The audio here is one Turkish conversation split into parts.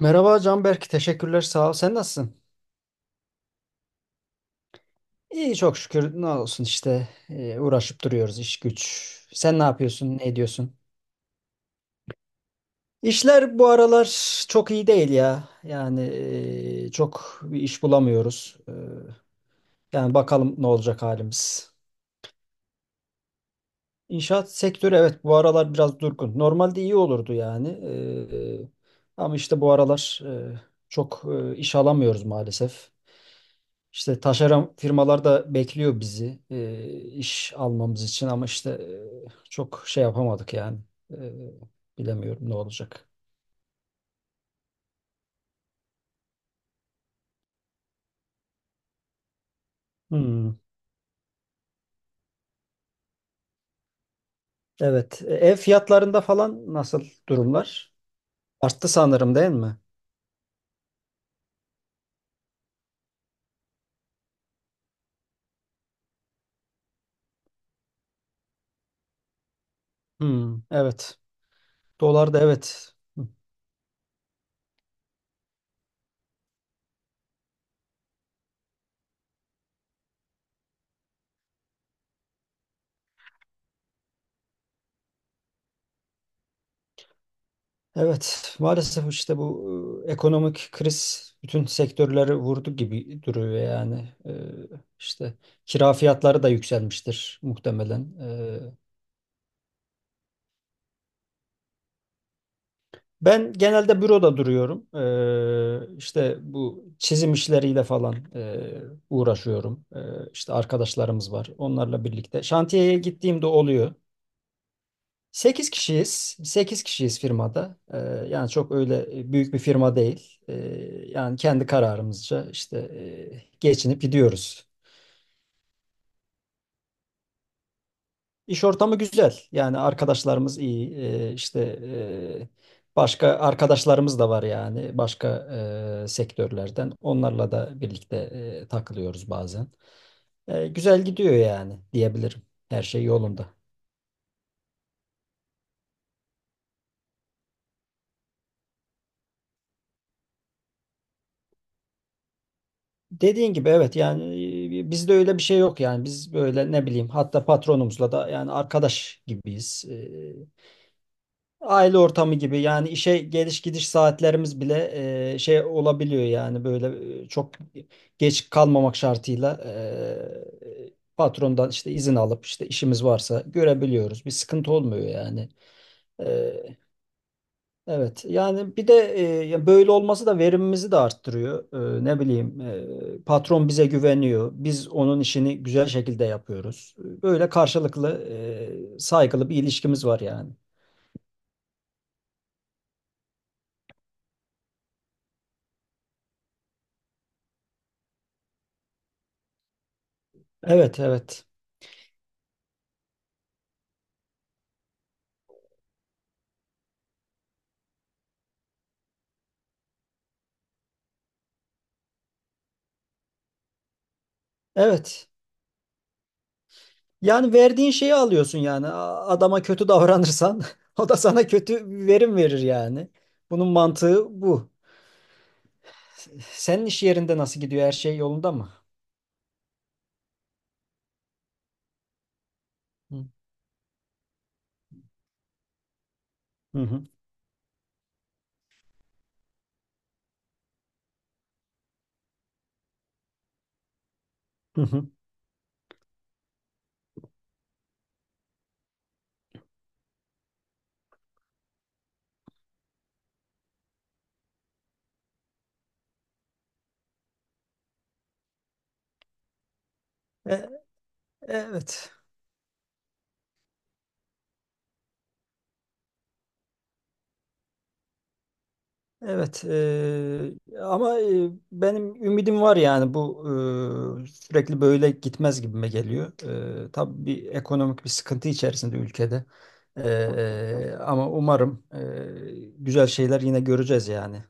Merhaba Canberk, teşekkürler sağ ol. Sen nasılsın? İyi çok şükür ne olsun işte uğraşıp duruyoruz iş güç. Sen ne yapıyorsun, ne ediyorsun? İşler bu aralar çok iyi değil ya. Yani çok bir iş bulamıyoruz. Yani bakalım ne olacak halimiz. İnşaat sektörü evet bu aralar biraz durgun. Normalde iyi olurdu yani. Ama işte bu aralar çok iş alamıyoruz maalesef. İşte taşeron firmalar da bekliyor bizi iş almamız için ama işte çok şey yapamadık yani. E, Bilemiyorum ne olacak. Hmm. Evet. Ev fiyatlarında falan nasıl durumlar? Arttı sanırım değil mi? Hmm. Evet. Dolar da evet. Hı. Evet. Maalesef işte bu ekonomik kriz bütün sektörleri vurdu gibi duruyor yani. İşte kira fiyatları da yükselmiştir muhtemelen. Ben genelde büroda duruyorum. İşte bu çizim işleriyle falan uğraşıyorum. İşte arkadaşlarımız var. Onlarla birlikte. Şantiyeye gittiğimde oluyor. 8 kişiyiz. Sekiz kişiyiz firmada. Yani çok öyle büyük bir firma değil. Yani kendi kararımızca işte geçinip gidiyoruz. İş ortamı güzel. Yani arkadaşlarımız iyi. İşte başka arkadaşlarımız da var yani başka sektörlerden. Onlarla da birlikte takılıyoruz bazen. Güzel gidiyor yani diyebilirim. Her şey yolunda. Dediğin gibi evet yani bizde öyle bir şey yok yani biz böyle ne bileyim hatta patronumuzla da yani arkadaş gibiyiz. Aile ortamı gibi yani işe geliş gidiş saatlerimiz bile şey olabiliyor yani böyle çok geç kalmamak şartıyla patrondan işte izin alıp işte işimiz varsa görebiliyoruz. Bir sıkıntı olmuyor yani. E, evet yani bir de ya böyle olması da verimimizi de arttırıyor. Ne bileyim patron bize güveniyor. Biz onun işini güzel şekilde yapıyoruz. Böyle karşılıklı saygılı bir ilişkimiz var yani. Evet, evet. Evet. Yani verdiğin şeyi alıyorsun yani. Adama kötü davranırsan o da sana kötü verim verir yani. Bunun mantığı bu. Senin iş yerinde nasıl gidiyor? Her şey yolunda mı? Hı hı. Hı. Hı hı. E- evet. Evet. Ama benim ümidim var yani bu sürekli böyle gitmez gibime geliyor. Tabii bir ekonomik bir sıkıntı içerisinde ülkede. E, Ama umarım güzel şeyler yine göreceğiz yani.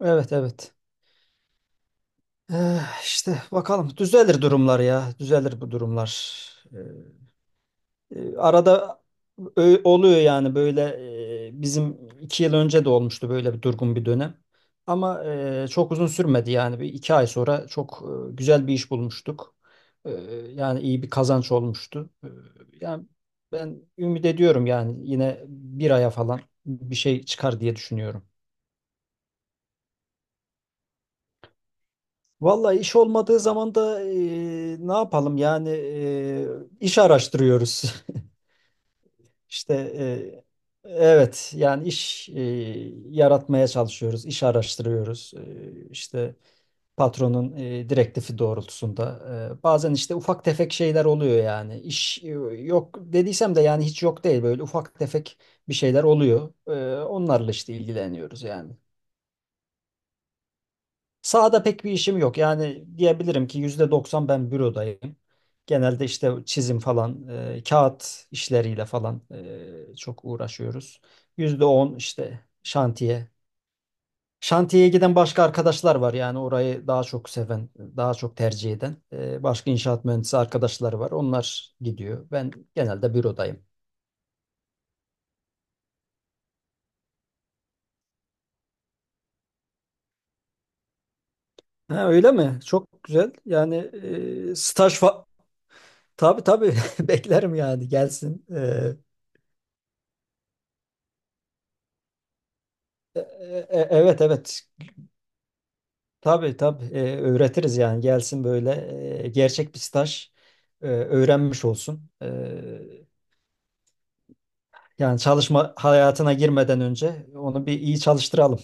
Evet, evet. Eh, işte bakalım düzelir durumlar ya. Düzelir bu durumlar. Eh. Arada oluyor yani böyle bizim 2 yıl önce de olmuştu böyle bir durgun bir dönem. Ama çok uzun sürmedi yani bir iki ay sonra çok güzel bir iş bulmuştuk. E, Yani iyi bir kazanç olmuştu. Yani ben ümit ediyorum yani yine bir aya falan bir şey çıkar diye düşünüyorum. Vallahi iş olmadığı zaman da ne yapalım yani iş araştırıyoruz. İşte evet yani iş yaratmaya çalışıyoruz, iş araştırıyoruz. İşte patronun direktifi doğrultusunda. Bazen işte ufak tefek şeyler oluyor yani. İş yok dediysem de yani hiç yok değil böyle ufak tefek bir şeyler oluyor. Onlarla işte ilgileniyoruz yani. Sahada pek bir işim yok. Yani diyebilirim ki %90 ben bürodayım. Genelde işte çizim falan, kağıt işleriyle falan çok uğraşıyoruz. %10 işte şantiye. Şantiyeye giden başka arkadaşlar var yani orayı daha çok seven, daha çok tercih eden. Başka inşaat mühendisi arkadaşlar var. Onlar gidiyor. Ben genelde bürodayım. Ha, öyle mi? Çok güzel. Yani e, staj fa- tabii, tabii beklerim yani gelsin. E- Evet, evet, tabii, tabii. Öğretiriz yani gelsin böyle gerçek bir staj öğrenmiş olsun. Yani çalışma hayatına girmeden önce onu bir iyi çalıştıralım.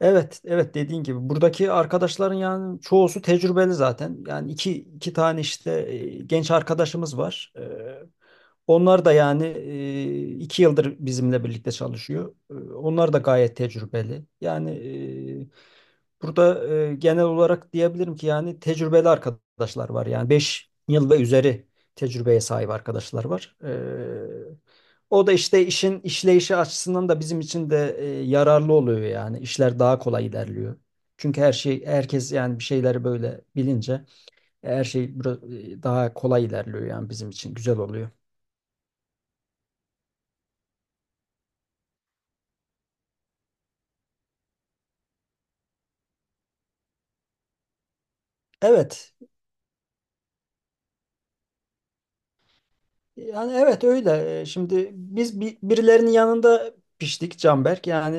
Evet, evet dediğin gibi buradaki arkadaşların yani çoğusu tecrübeli zaten. Yani iki tane işte genç arkadaşımız var. Onlar da yani 2 yıldır bizimle birlikte çalışıyor. Onlar da gayet tecrübeli. Yani burada genel olarak diyebilirim ki yani tecrübeli arkadaşlar var. Yani 5 yıl ve üzeri tecrübeye sahip arkadaşlar var. O da işte işin işleyişi açısından da bizim için de yararlı oluyor yani. İşler daha kolay ilerliyor. Çünkü her şey herkes yani bir şeyleri böyle bilince her şey daha kolay ilerliyor yani bizim için güzel oluyor. Evet. Yani evet öyle. Şimdi biz birilerinin yanında piştik Canberk. Yani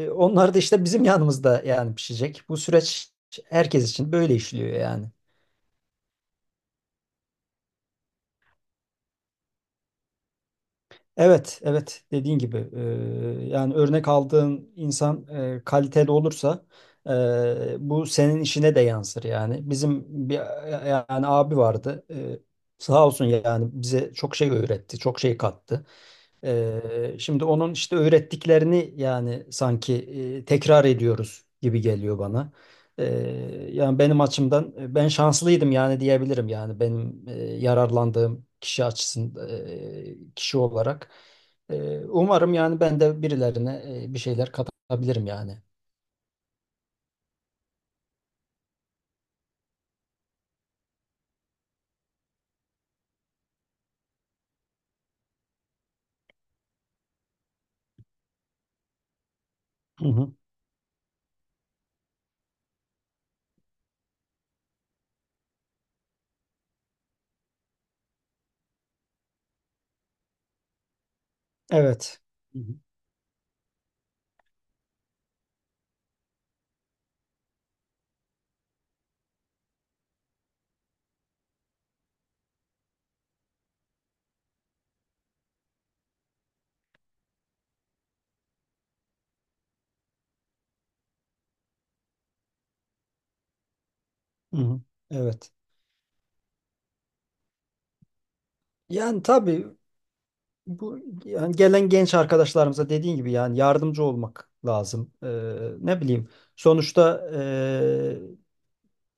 onlar da işte bizim yanımızda yani pişecek. Bu süreç herkes için böyle işliyor yani. Evet, evet dediğin gibi yani örnek aldığın insan kaliteli olursa e, bu senin işine de yansır yani. Bizim bir yani abi vardı sağ olsun yani bize çok şey öğretti, çok şey kattı. Şimdi onun işte öğrettiklerini yani sanki tekrar ediyoruz gibi geliyor bana. Ee, Yani benim açımdan ben şanslıydım yani diyebilirim yani benim yararlandığım kişi açısından kişi olarak. Umarım yani ben de birilerine bir şeyler katabilirim yani. Hı hı. Evet. Hı hı. Hı hı. Evet. Yani tabii bu yani gelen genç arkadaşlarımıza dediğin gibi yani yardımcı olmak lazım. Ne bileyim sonuçta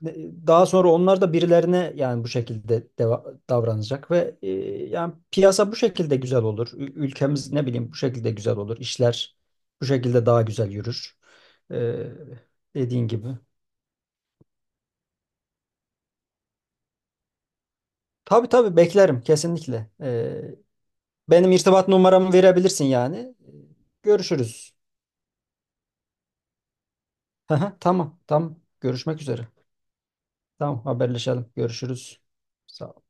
daha sonra onlar da birilerine yani bu şekilde davranacak ve yani piyasa bu şekilde güzel olur. Ülkemiz ne bileyim bu şekilde güzel olur. İşler bu şekilde daha güzel yürür. Ee, Dediğin gibi. Tabii, tabii beklerim kesinlikle. Benim irtibat numaramı verebilirsin yani. Ee, Görüşürüz. Aha, tamam, tamam. Görüşmek üzere. Tamam, haberleşelim. Görüşürüz. Sağ ol.